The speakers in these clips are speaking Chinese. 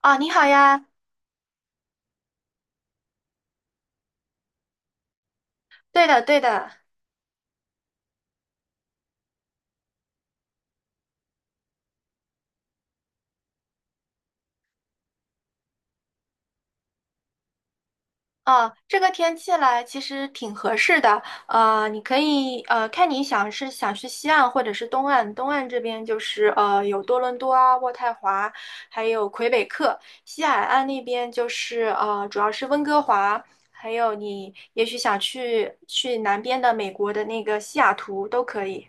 啊，你好呀。对的，对的。哦，这个天气来其实挺合适的。你可以看你想是想去西岸或者是东岸，东岸这边就是有多伦多啊、渥太华，还有魁北克。西海岸那边就是主要是温哥华。还有你也许想去南边的美国的那个西雅图都可以。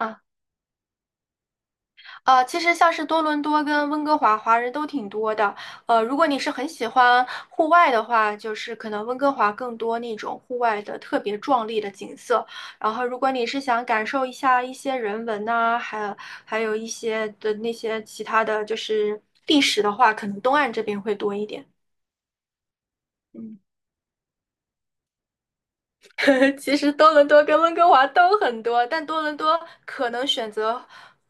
啊。其实像是多伦多跟温哥华华人都挺多的。如果你是很喜欢户外的话，就是可能温哥华更多那种户外的特别壮丽的景色。然后，如果你是想感受一下一些人文呐、还有一些的那些其他的就是历史的话，可能东岸这边会多一点。嗯。其实多伦多跟温哥华都很多，但多伦多可能选择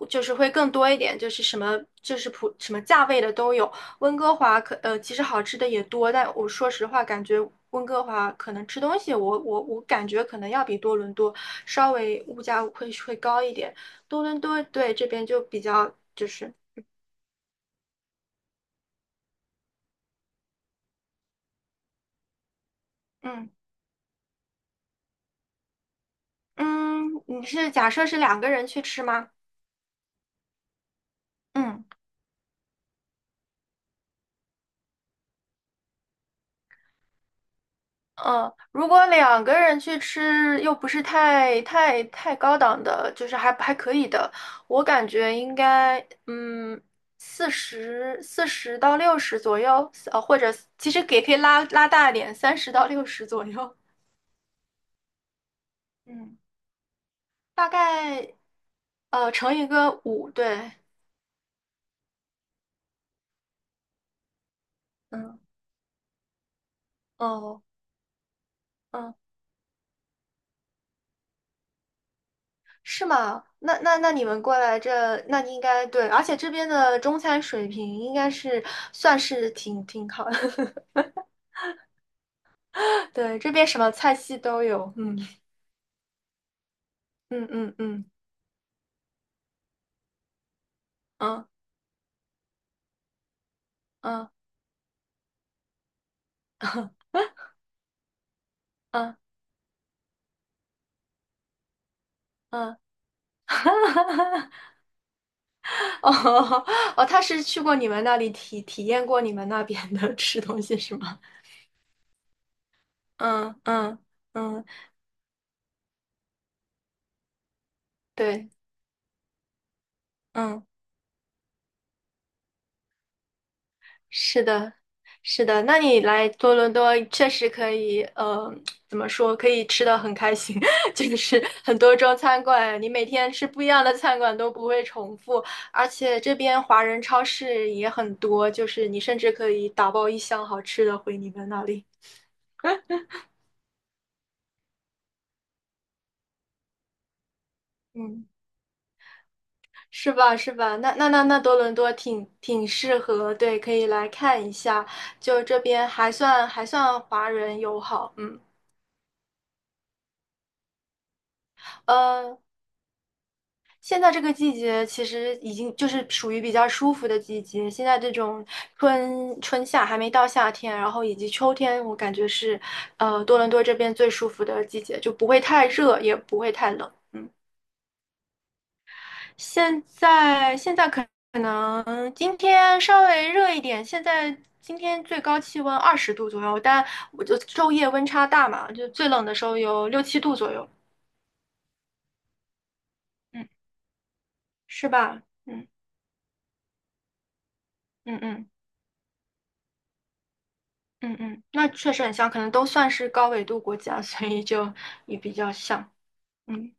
就是会更多一点，就是什么就是普什么价位的都有。温哥华其实好吃的也多，但我说实话感觉温哥华可能吃东西我感觉可能要比多伦多稍微物价会高一点。多伦多对这边就比较就是嗯嗯。你是假设是两个人去吃吗？嗯。嗯，如果两个人去吃，又不是太高档的，就是还可以的，我感觉应该，嗯，四十到六十左右，或者其实也可以拉大一点，30到60左右。 嗯，大概乘一个五，对。嗯。哦。嗯，是吗？那你们过来这，那你应该对，而且这边的中餐水平应该是算是挺好的。对，这边什么菜系都有。嗯嗯嗯嗯嗯嗯嗯嗯嗯。哦哦，他是去过你们那里体验过你们那边的吃东西是吗？嗯嗯嗯，对。嗯。是的，是的。那你来多伦多确实可以，怎么说，可以吃的很开心。就是很多中餐馆，你每天吃不一样的餐馆都不会重复，而且这边华人超市也很多，就是你甚至可以打包一箱好吃的回你们那里。嗯。是吧？是吧？那多伦多挺适合，对，可以来看一下。就这边还算华人友好。嗯。呃，现在这个季节其实已经就是属于比较舒服的季节。现在这种春夏还没到夏天，然后以及秋天，我感觉是，多伦多这边最舒服的季节，就不会太热，也不会太冷。嗯，现在可能今天稍微热一点，现在今天最高气温20度左右，但我就昼夜温差大嘛，就最冷的时候有6、7度左右。嗯，是吧？嗯嗯嗯。嗯嗯，那确实很像，可能都算是高纬度国家。所以就也比较像。嗯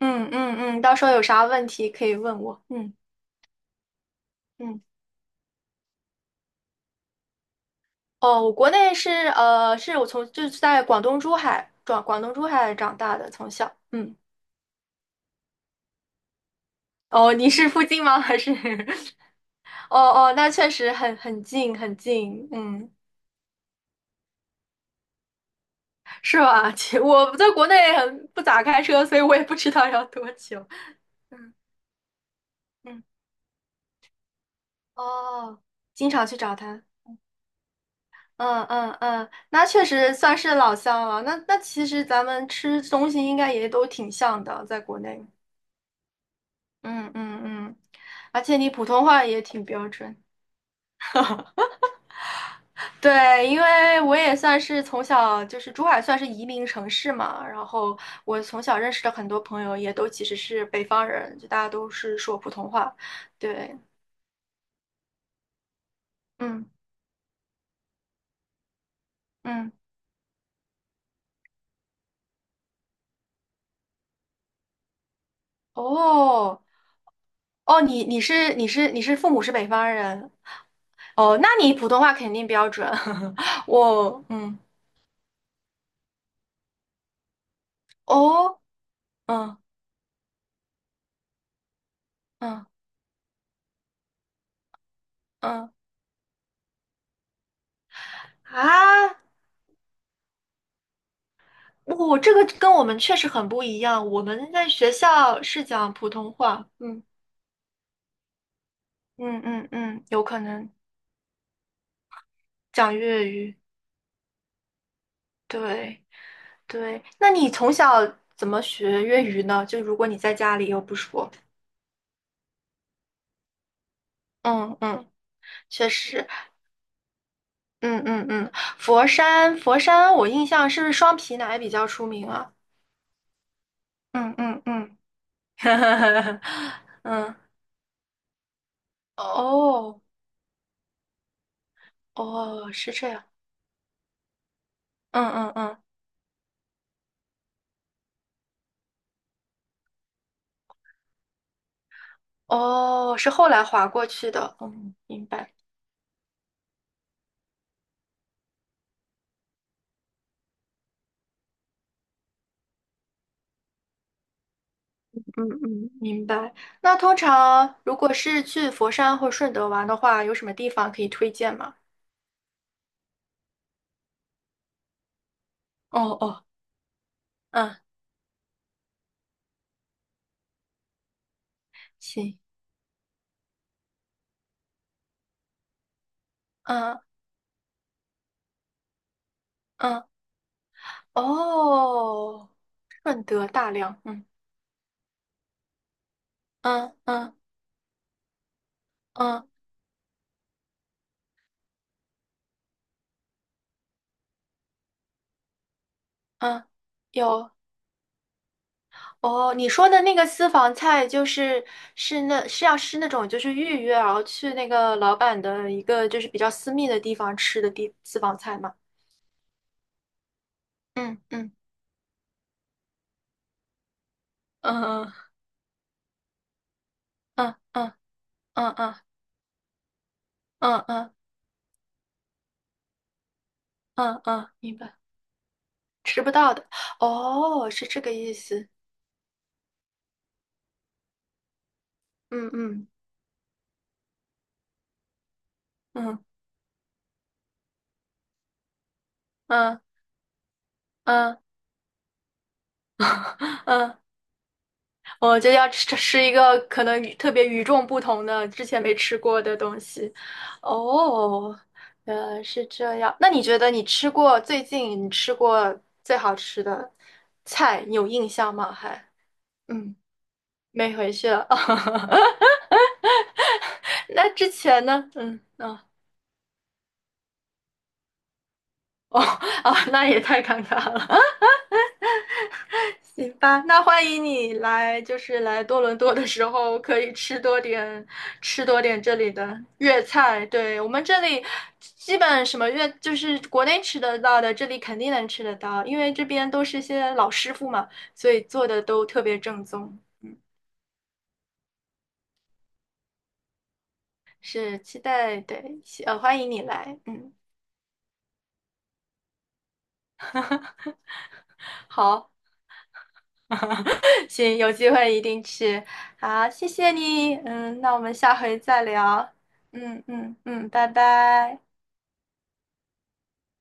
嗯嗯嗯，到时候有啥问题可以问我。嗯嗯。哦，我国内是是我从就是在广东珠海转广东珠海长大的，从小。嗯。哦，你是附近吗？还是？哦哦，那确实很近很近。嗯，是吧？我在国内很不咋开车，所以我也不知道要多久。嗯嗯。哦，经常去找他。嗯嗯嗯，那确实算是老乡了。那其实咱们吃东西应该也都挺像的，在国内。嗯嗯嗯，而且你普通话也挺标准。对，因为我也算是从小就是珠海算是移民城市嘛，然后我从小认识的很多朋友也都其实是北方人，就大家都是说普通话。对，嗯嗯。哦哦，你父母是北方人。哦，那你普通话肯定标准。我，嗯。哦，嗯嗯嗯，啊，这个跟我们确实很不一样。我们在学校是讲普通话，嗯嗯嗯嗯，有可能讲粤语。对对，那你从小怎么学粤语呢？就如果你在家里又不说，嗯嗯，确实。嗯嗯嗯，佛山佛山，我印象是不是双皮奶比较出名啊？嗯嗯嗯。嗯，哦，哦，是这样，嗯嗯嗯，哦，是后来划过去的，嗯，明白。嗯嗯。明白。那通常如果是去佛山或顺德玩的话，有什么地方可以推荐吗？哦哦，嗯行。嗯嗯，哦，顺德大良，嗯嗯嗯嗯嗯，有。哦，你说的那个私房菜就是那种就是预约，然后去那个老板的一个就是比较私密的地方吃的私房菜吗？嗯嗯嗯嗯嗯嗯嗯嗯嗯嗯嗯，明白，吃不到的。哦，是这个意思。嗯嗯嗯嗯嗯嗯我就要吃一个可能特别与众不同的、之前没吃过的东西。哦，原来是这样。那你觉得你吃过最近你吃过最好吃的菜，你有印象吗？还嗯，没回去了。那之前呢？嗯，啊，哦，啊，那也太尴尬了。行吧，那欢迎你来，就是来多伦多的时候，可以吃多点，吃多点这里的粤菜。对，我们这里基本什么粤，就是国内吃得到的，这里肯定能吃得到，因为这边都是些老师傅嘛，所以做的都特别正宗。是期待，对，欢迎你来。嗯，好。行，有机会一定去。好，谢谢你。嗯，那我们下回再聊。嗯嗯嗯，拜拜。